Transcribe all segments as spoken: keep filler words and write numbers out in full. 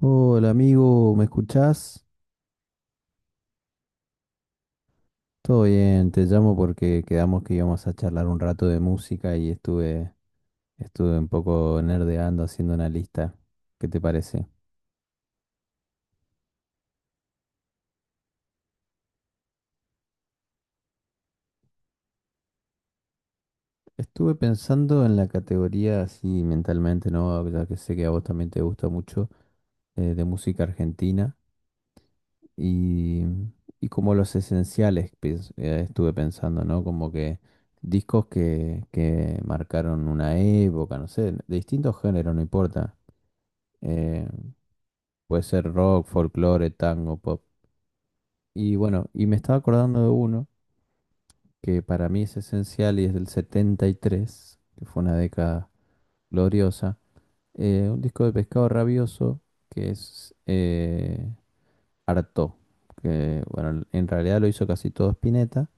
Hola amigo, ¿me escuchás? Todo bien, te llamo porque quedamos que íbamos a charlar un rato de música y estuve, estuve un poco nerdeando haciendo una lista. ¿Qué te parece? Estuve pensando en la categoría así mentalmente, ¿no? Ya que sé que a vos también te gusta mucho eh, de música argentina y, y como los esenciales pens- eh, estuve pensando, ¿no? Como que discos que, que marcaron una época, no sé, de distintos géneros, no importa. Eh, puede ser rock, folclore, tango, pop. Y bueno, y me estaba acordando de uno que para mí es esencial y es del setenta y tres que fue una década gloriosa. eh, un disco de Pescado Rabioso que es eh, Artaud, que bueno, en realidad lo hizo casi todo Spinetta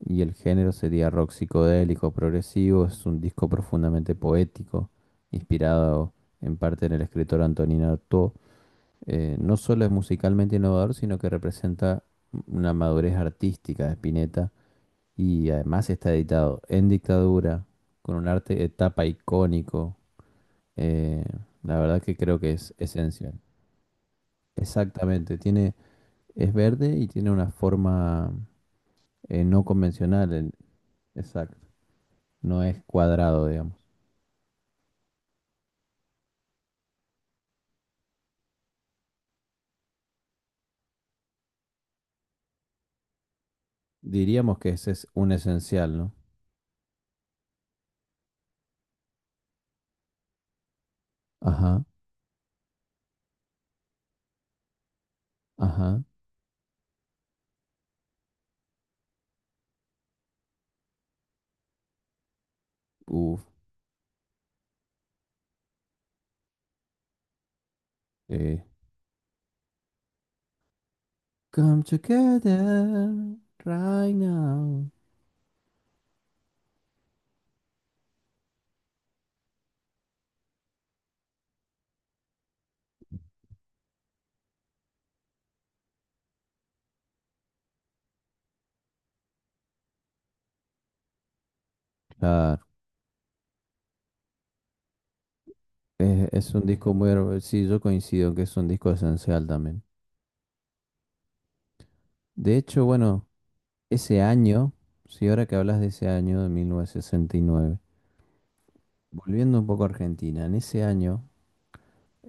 y el género sería rock psicodélico progresivo. Es un disco profundamente poético, inspirado en parte en el escritor Antonin Artaud eh, No solo es musicalmente innovador, sino que representa una madurez artística de Spinetta y además está editado en dictadura, con un arte de tapa icónico. eh, la verdad que creo que es esencial. Exactamente, tiene, es verde y tiene una forma eh, no convencional, el- exacto, no es cuadrado, digamos. Diríamos que ese es un esencial, ¿no? Ajá, ajá, uff. Come together right now. Claro, es, es un disco muy hermoso. Sí, yo coincido que es un disco esencial también. De hecho, bueno, ese año, si ahora que hablas de ese año de mil novecientos sesenta y nueve, volviendo un poco a Argentina, en ese año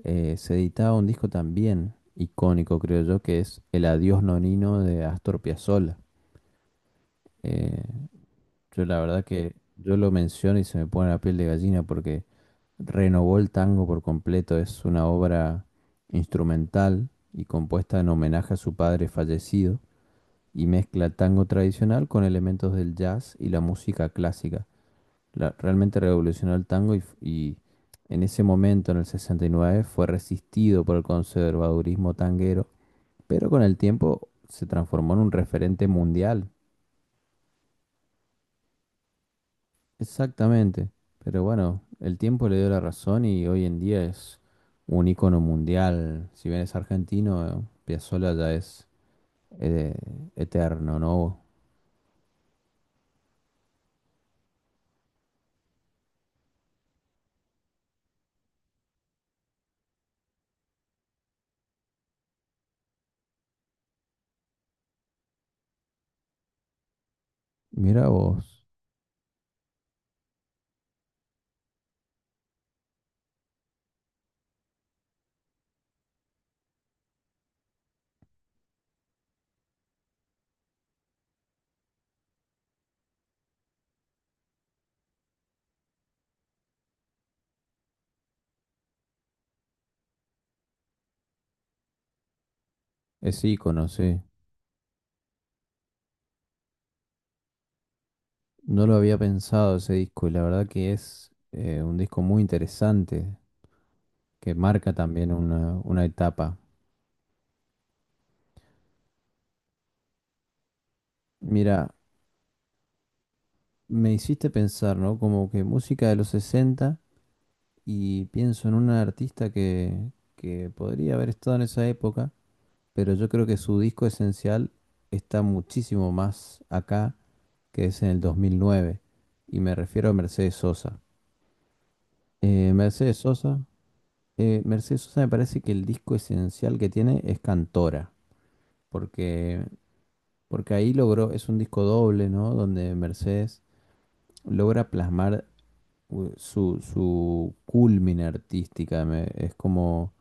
eh, se editaba un disco también icónico, creo yo, que es El Adiós Nonino de Astor Piazzolla. Eh, Yo la verdad que yo lo menciono y se me pone la piel de gallina porque renovó el tango por completo. Es una obra instrumental y compuesta en homenaje a su padre fallecido y mezcla el tango tradicional con elementos del jazz y la música clásica. La- realmente revolucionó el tango y, f- y en ese momento, en el sesenta y nueve, fue resistido por el conservadurismo tanguero, pero con el tiempo se transformó en un referente mundial. Exactamente, pero bueno, el tiempo le dio la razón y hoy en día es un ícono mundial. Si bien es argentino, eh, Piazzolla ya es eh, eterno, ¿no? Mira vos, es ícono, sí. No lo había pensado ese disco y la verdad que es eh, un disco muy interesante que marca también una, una etapa. Mira, me hiciste pensar, ¿no? Como que música de los sesenta y pienso en una artista que, que podría haber estado en esa época pero yo creo que su disco esencial está muchísimo más acá que es en el dos mil nueve, y me refiero a Mercedes Sosa. Eh, Mercedes Sosa, eh, Mercedes Sosa me parece que el disco esencial que tiene es Cantora, porque, porque ahí logró, es un disco doble, ¿no? Donde Mercedes logra plasmar u- su, su culmina artística, me- es como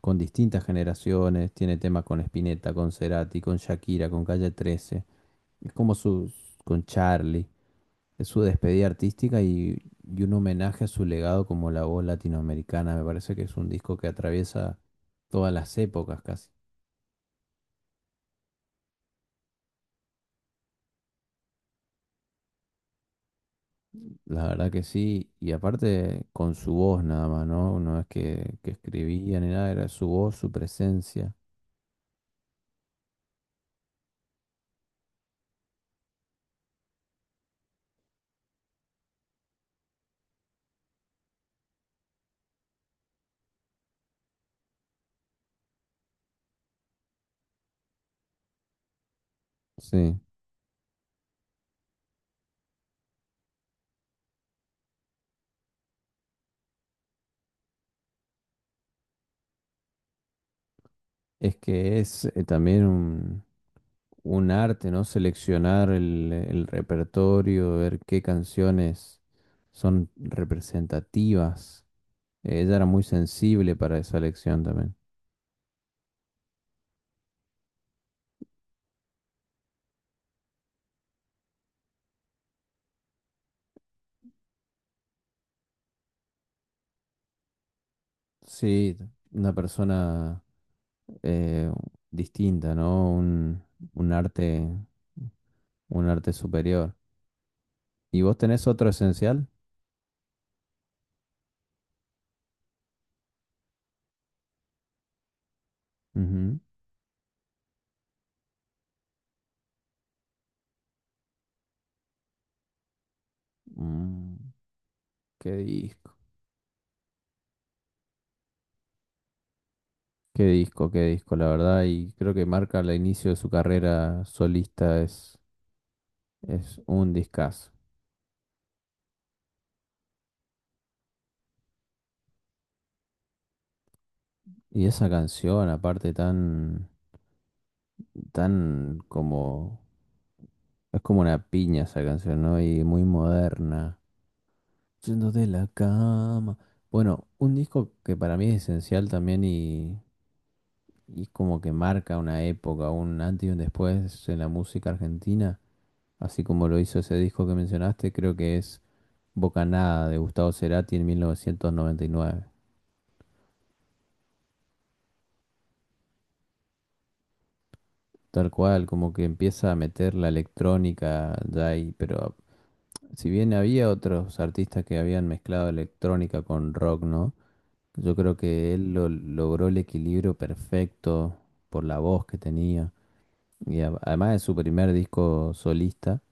con distintas generaciones, tiene temas con Spinetta, con Cerati, con Shakira, con Calle trece. Es como sus, con Charlie. Es su despedida artística y, y un homenaje a su legado como la voz latinoamericana. Me parece que es un disco que atraviesa todas las épocas casi. La verdad que sí. Y aparte con su voz nada más, ¿no? No es que, que escribía ni nada, era su voz, su presencia. Sí. Es que es eh, también un, un arte, ¿no? Seleccionar el, el repertorio, ver qué canciones son representativas Eh, Ella era muy sensible para esa elección también. Sí, una persona eh, distinta, ¿no? Un, un arte, un arte superior. ¿Y vos tenés otro esencial? Ujú. Mm, qué disco, qué disco, qué disco, la verdad. Y creo que marca el inicio de su carrera solista, es, es un discazo. Y esa canción, aparte, tan, tan como. Es como una piña esa canción, ¿no? Y muy moderna. Yendo de la cama. Bueno, un disco que para mí es esencial también y, y como que marca una época, un antes y un después en la música argentina, así como lo hizo ese disco que mencionaste, creo que es Bocanada de Gustavo Cerati en mil novecientos noventa y nueve. Tal cual, como que empieza a meter la electrónica ya ahí, pero si bien había otros artistas que habían mezclado electrónica con rock, ¿no? Pues yo creo que él lo- logró el equilibrio perfecto por la voz que tenía. Y a- además es su primer disco solista.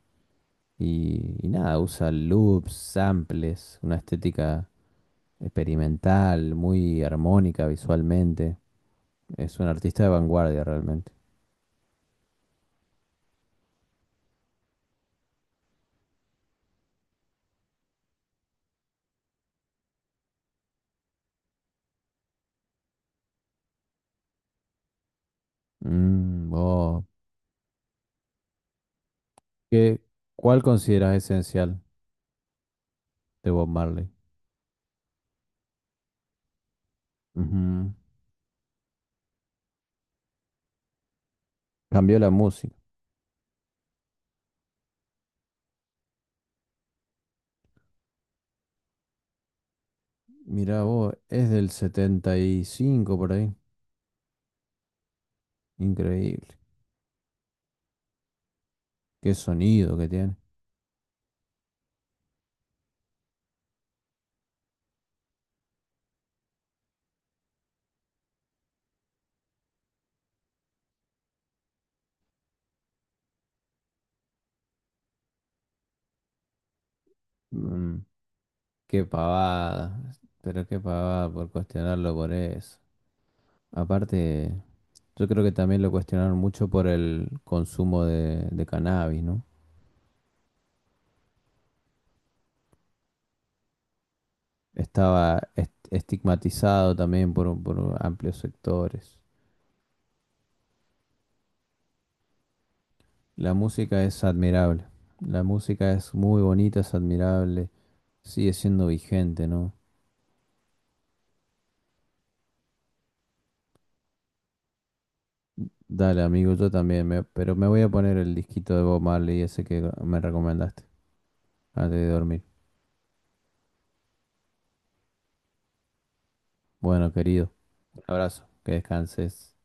Y, y nada, usa loops, samples, una estética experimental, muy armónica visualmente. Es un artista de vanguardia realmente. Mm, vos, ¿qué- cuál consideras esencial de Bob Marley? Ujú. Cambió la música. Mirá vos, es del setenta y cinco por ahí. Increíble. Qué sonido que tiene. Mm, qué pavada. Pero qué pavada por cuestionarlo por eso. Aparte, yo creo que también lo cuestionaron mucho por el consumo de, de cannabis, ¿no? Estaba est- estigmatizado también por, un- por amplios sectores. La música es admirable. La música es muy bonita, es admirable. Sigue siendo vigente, ¿no? Dale, amigo, yo también, me- pero me voy a poner el disquito de Bob Marley, ese que me recomendaste, antes de dormir. Bueno, querido, un abrazo, que descanses.